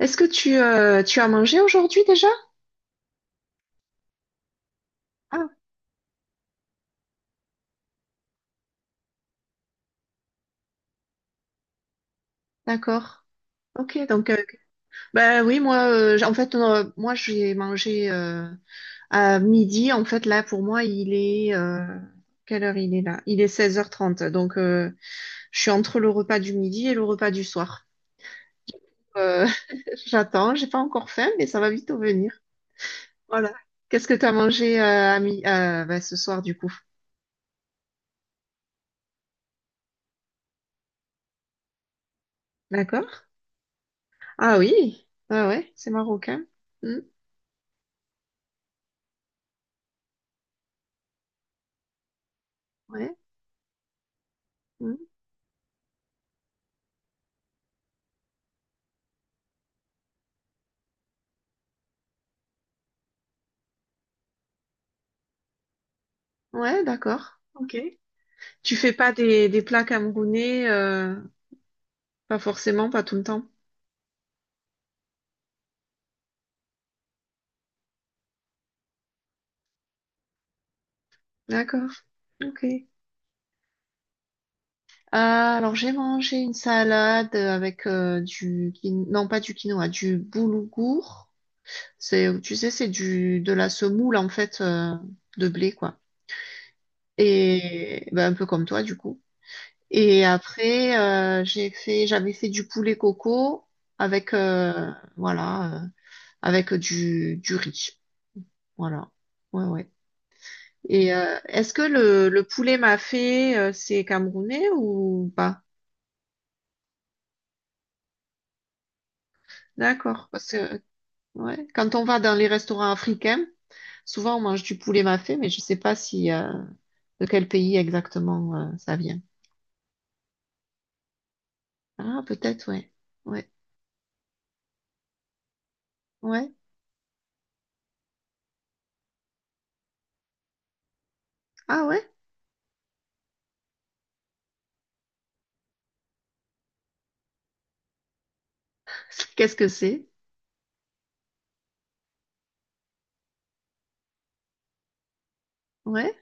Est-ce que tu as mangé aujourd'hui déjà? Ah, d'accord. Ok, donc bah oui, moi en fait moi j'ai mangé à midi. En fait là pour moi il est quelle heure il est là? Il est 16h30. Donc je suis entre le repas du midi et le repas du soir. Euh, J'attends, j'ai pas encore faim, mais ça va vite venir. Voilà. Qu'est-ce que tu as mangé bah, ce soir du coup? D'accord? Ah oui, ah ouais, c'est marocain. Hmm, ouais. Mmh. Ouais, d'accord. Ok. Tu fais pas des plats camerounais, pas forcément, pas tout le temps. D'accord. Ok. Alors j'ai mangé une salade avec non pas du quinoa, du boulgour. C'est, tu sais, c'est du de la semoule en fait de blé quoi. Et ben, un peu comme toi du coup. Et après j'avais fait du poulet coco avec voilà avec du riz. Voilà. Ouais, ouais. Et est-ce que le poulet mafé, c'est camerounais ou pas? D'accord. Parce que ouais, quand on va dans les restaurants africains, souvent on mange du poulet mafé, mais je sais pas si de quel pays exactement ça vient. Ah, peut-être, ouais. Ouais. Ouais. Ah ouais? Qu'est-ce que c'est? Ouais.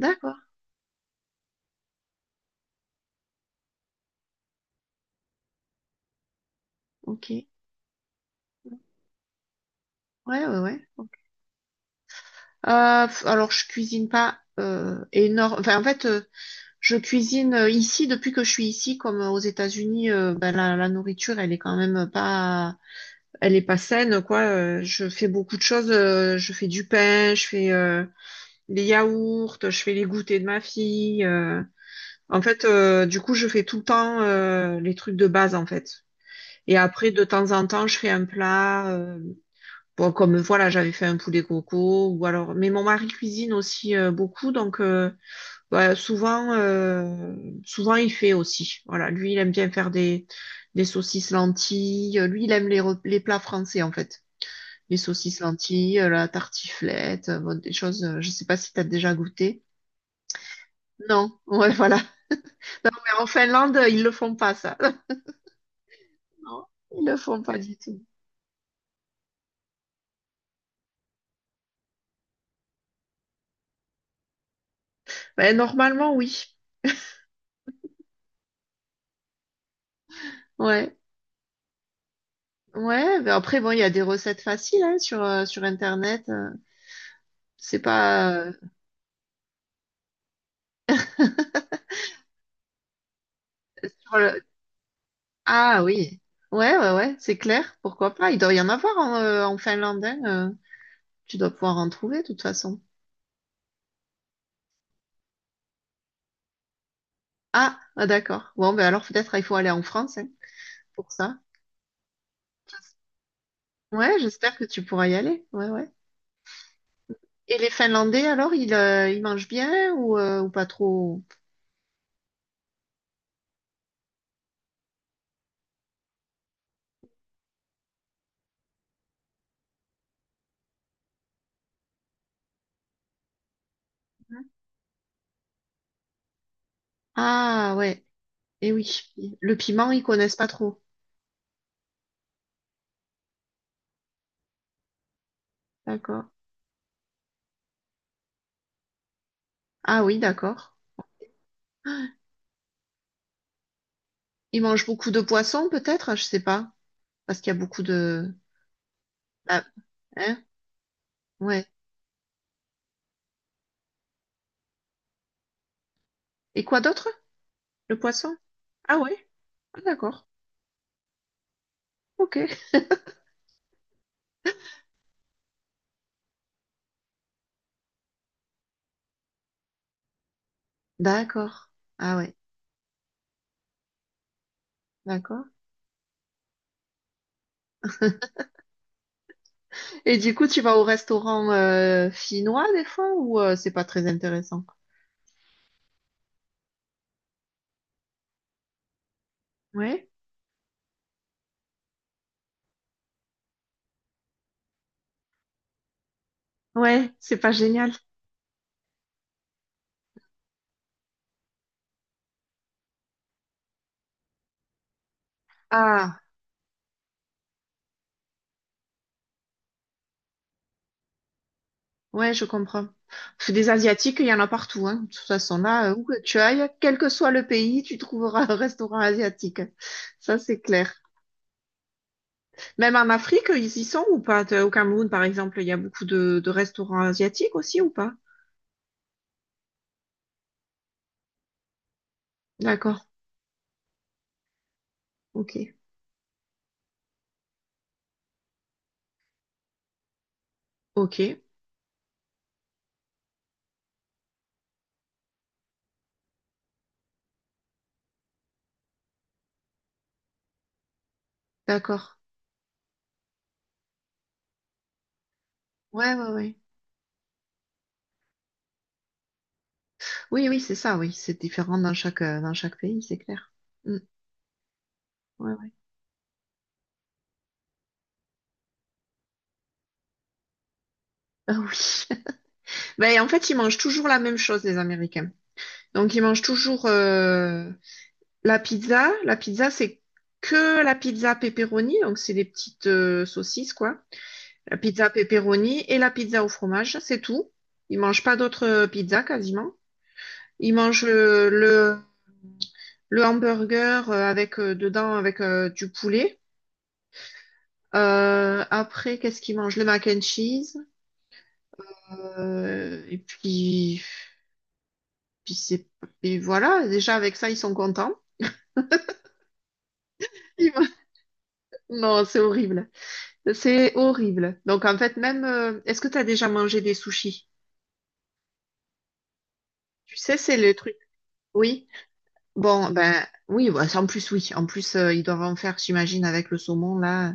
D'accord. Ok. Ouais, ouais, ouais. Ok. Alors, je cuisine pas énorme. Enfin, en fait, je cuisine ici depuis que je suis ici, comme aux États-Unis, ben, la nourriture, elle est quand même pas, elle est pas saine, quoi. Je fais beaucoup de choses. Je fais du pain, je fais les yaourts, je fais les goûters de ma fille. En fait, du coup, je fais tout le temps les trucs de base, en fait. Et après, de temps en temps, je fais un plat. Bon, comme voilà, j'avais fait un poulet coco, ou alors. Mais mon mari cuisine aussi beaucoup, donc. Ouais, souvent il fait aussi. Voilà, lui, il aime bien faire des saucisses lentilles. Lui, il aime les plats français, en fait. Les saucisses lentilles, la tartiflette, bon, des choses. Je sais pas si t'as déjà goûté. Non, ouais, voilà. Ouais, en Finlande, ils le font pas, ça. Non, ils le font pas du tout. Mais normalement, oui. Ouais. Ouais, mais après, bon, il y a des recettes faciles hein, sur Internet. C'est pas. Sur le- Ah oui, ouais, ouais, ouais, c'est clair, pourquoi pas, il doit y en avoir en Finlande, hein, tu dois pouvoir en trouver de toute façon. Ah, ah, d'accord, bon, ben alors peut-être il faut aller en France hein, pour ça. Ouais, j'espère que tu pourras y aller, ouais, ouais. Et les Finlandais, alors, ils mangent bien ou pas trop? Ah ouais, et oui, le piment, ils connaissent pas trop, d'accord. Ah oui, d'accord. Ils mangent beaucoup de poissons peut-être. Ah, je sais pas, parce qu'il y a beaucoup de. Ah, hein, ouais. Et quoi d'autre? Le poisson? Ah ouais. Ah, d'accord. Ok. D'accord. Ah ouais. D'accord. Et du coup, tu vas au restaurant finnois des fois ou c'est pas très intéressant? Ouais. Ouais, c'est pas génial. Ah, ouais, je comprends. Parce que des Asiatiques, il y en a partout, hein. De toute façon, là, où que tu ailles, quel que soit le pays, tu trouveras un restaurant asiatique. Ça, c'est clair. Même en Afrique, ils y sont ou pas? Au Cameroun, par exemple, il y a beaucoup de restaurants asiatiques aussi ou pas? D'accord. Ok. Ok. D'accord. Ouais, ouais, ouais. Oui, oui, c'est ça, oui. C'est différent dans chaque pays, c'est clair. Mm. Ouais, ouais. Ah oui. Ben, en fait, ils mangent toujours la même chose, les Américains. Donc, ils mangent toujours la pizza. La pizza, c'est que la pizza pepperoni. Donc, c'est des petites saucisses, quoi. La pizza pepperoni et la pizza au fromage, c'est tout. Ils mangent pas d'autres pizzas, quasiment. Ils mangent le hamburger avec dedans avec du poulet. Après, qu'est-ce qu'ils mangent? Le mac and cheese. Et puis c'est, et voilà, déjà avec ça, ils sont contents. Ils vont- Non, c'est horrible. C'est horrible. Donc en fait, même, est-ce que tu as déjà mangé des sushis? Tu sais, c'est le truc. Oui. Bon, ben oui, bah, en plus, oui. En plus, ils doivent en faire, j'imagine, avec le saumon, là,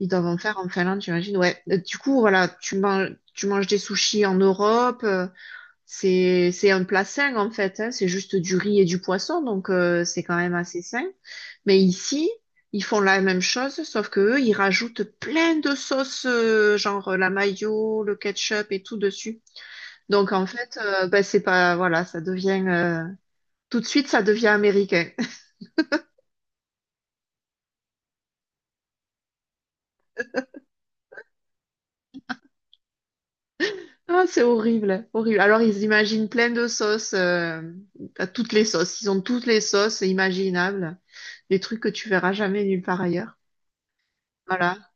ils doivent en faire en Finlande, j'imagine. Ouais. Du coup, voilà, tu manges des sushis en Europe. C'est un plat sain en fait, hein. C'est juste du riz et du poisson, donc c'est quand même assez sain. Mais ici, ils font la même chose, sauf que eux, ils rajoutent plein de sauces, genre la mayo, le ketchup et tout dessus. Donc en fait, bah, c'est pas, voilà, ça devient tout de suite, ça devient américain. Ah, c'est horrible, horrible. Alors ils imaginent plein de sauces, à toutes les sauces. Ils ont toutes les sauces imaginables, des trucs que tu verras jamais nulle part ailleurs. Voilà.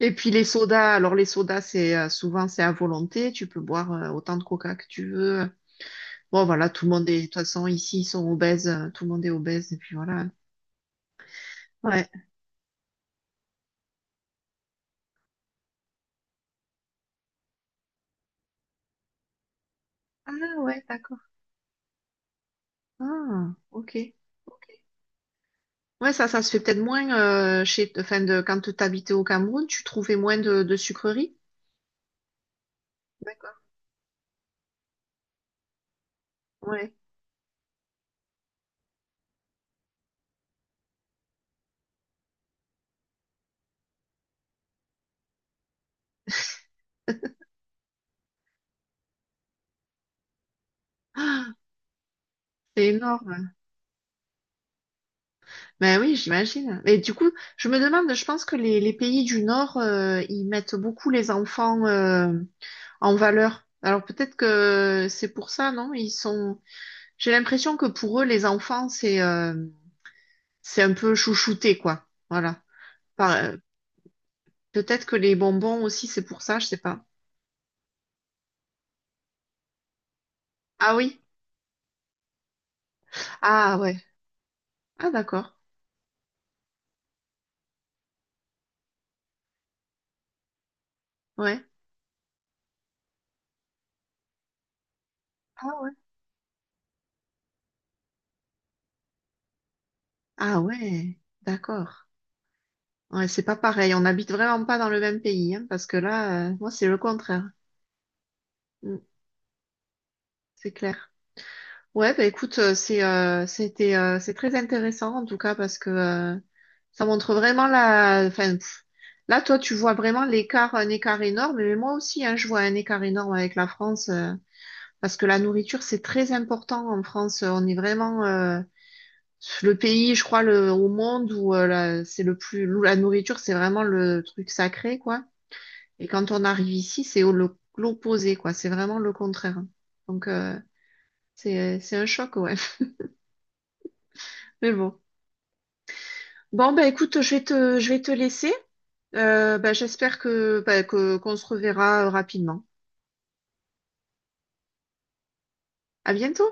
Et puis les sodas, alors les sodas, c'est souvent c'est à volonté, tu peux boire autant de coca que tu veux. Bon voilà, tout le monde est, de toute façon ici ils sont obèses, tout le monde est obèse et puis voilà. Ouais. Ah ouais, d'accord. Ah, ok. Ok. Ouais, ça se fait peut-être moins chez, enfin de quand t'habitais au Cameroun, tu trouvais moins de sucreries. D'accord. Ouais. C'est énorme. Ben oui, j'imagine. Mais du coup, je me demande, je pense que les pays du Nord, ils mettent beaucoup les enfants. En valeur. Alors peut-être que c'est pour ça, non? Ils sont. J'ai l'impression que pour eux, les enfants, c'est un peu chouchouté, quoi. Voilà. Par- euh, Peut-être que les bonbons aussi, c'est pour ça, je sais pas. Ah oui? Ah ouais. Ah d'accord. Ouais. Ah ouais. Ah ouais. D'accord. Ouais, c'est pas pareil. On n'habite vraiment pas dans le même pays, hein, parce que là, moi, c'est le contraire. Mm, c'est clair. Ouais, bah écoute, c'est très intéressant en tout cas parce que ça montre vraiment la. Enfin, pff, là, toi, tu vois vraiment l'écart, un écart énorme. Mais moi aussi, hein, je vois un écart énorme avec la France parce que la nourriture, c'est très important en France. On est vraiment le pays, je crois, au monde où c'est le plus où la nourriture, c'est vraiment le truc sacré, quoi. Et quand on arrive ici, c'est l'opposé, quoi. C'est vraiment le contraire. Donc c'est un choc, ouais. Mais bon. Bon, bah écoute, je vais te laisser. Bah, j'espère bah, qu'on se reverra rapidement. À bientôt.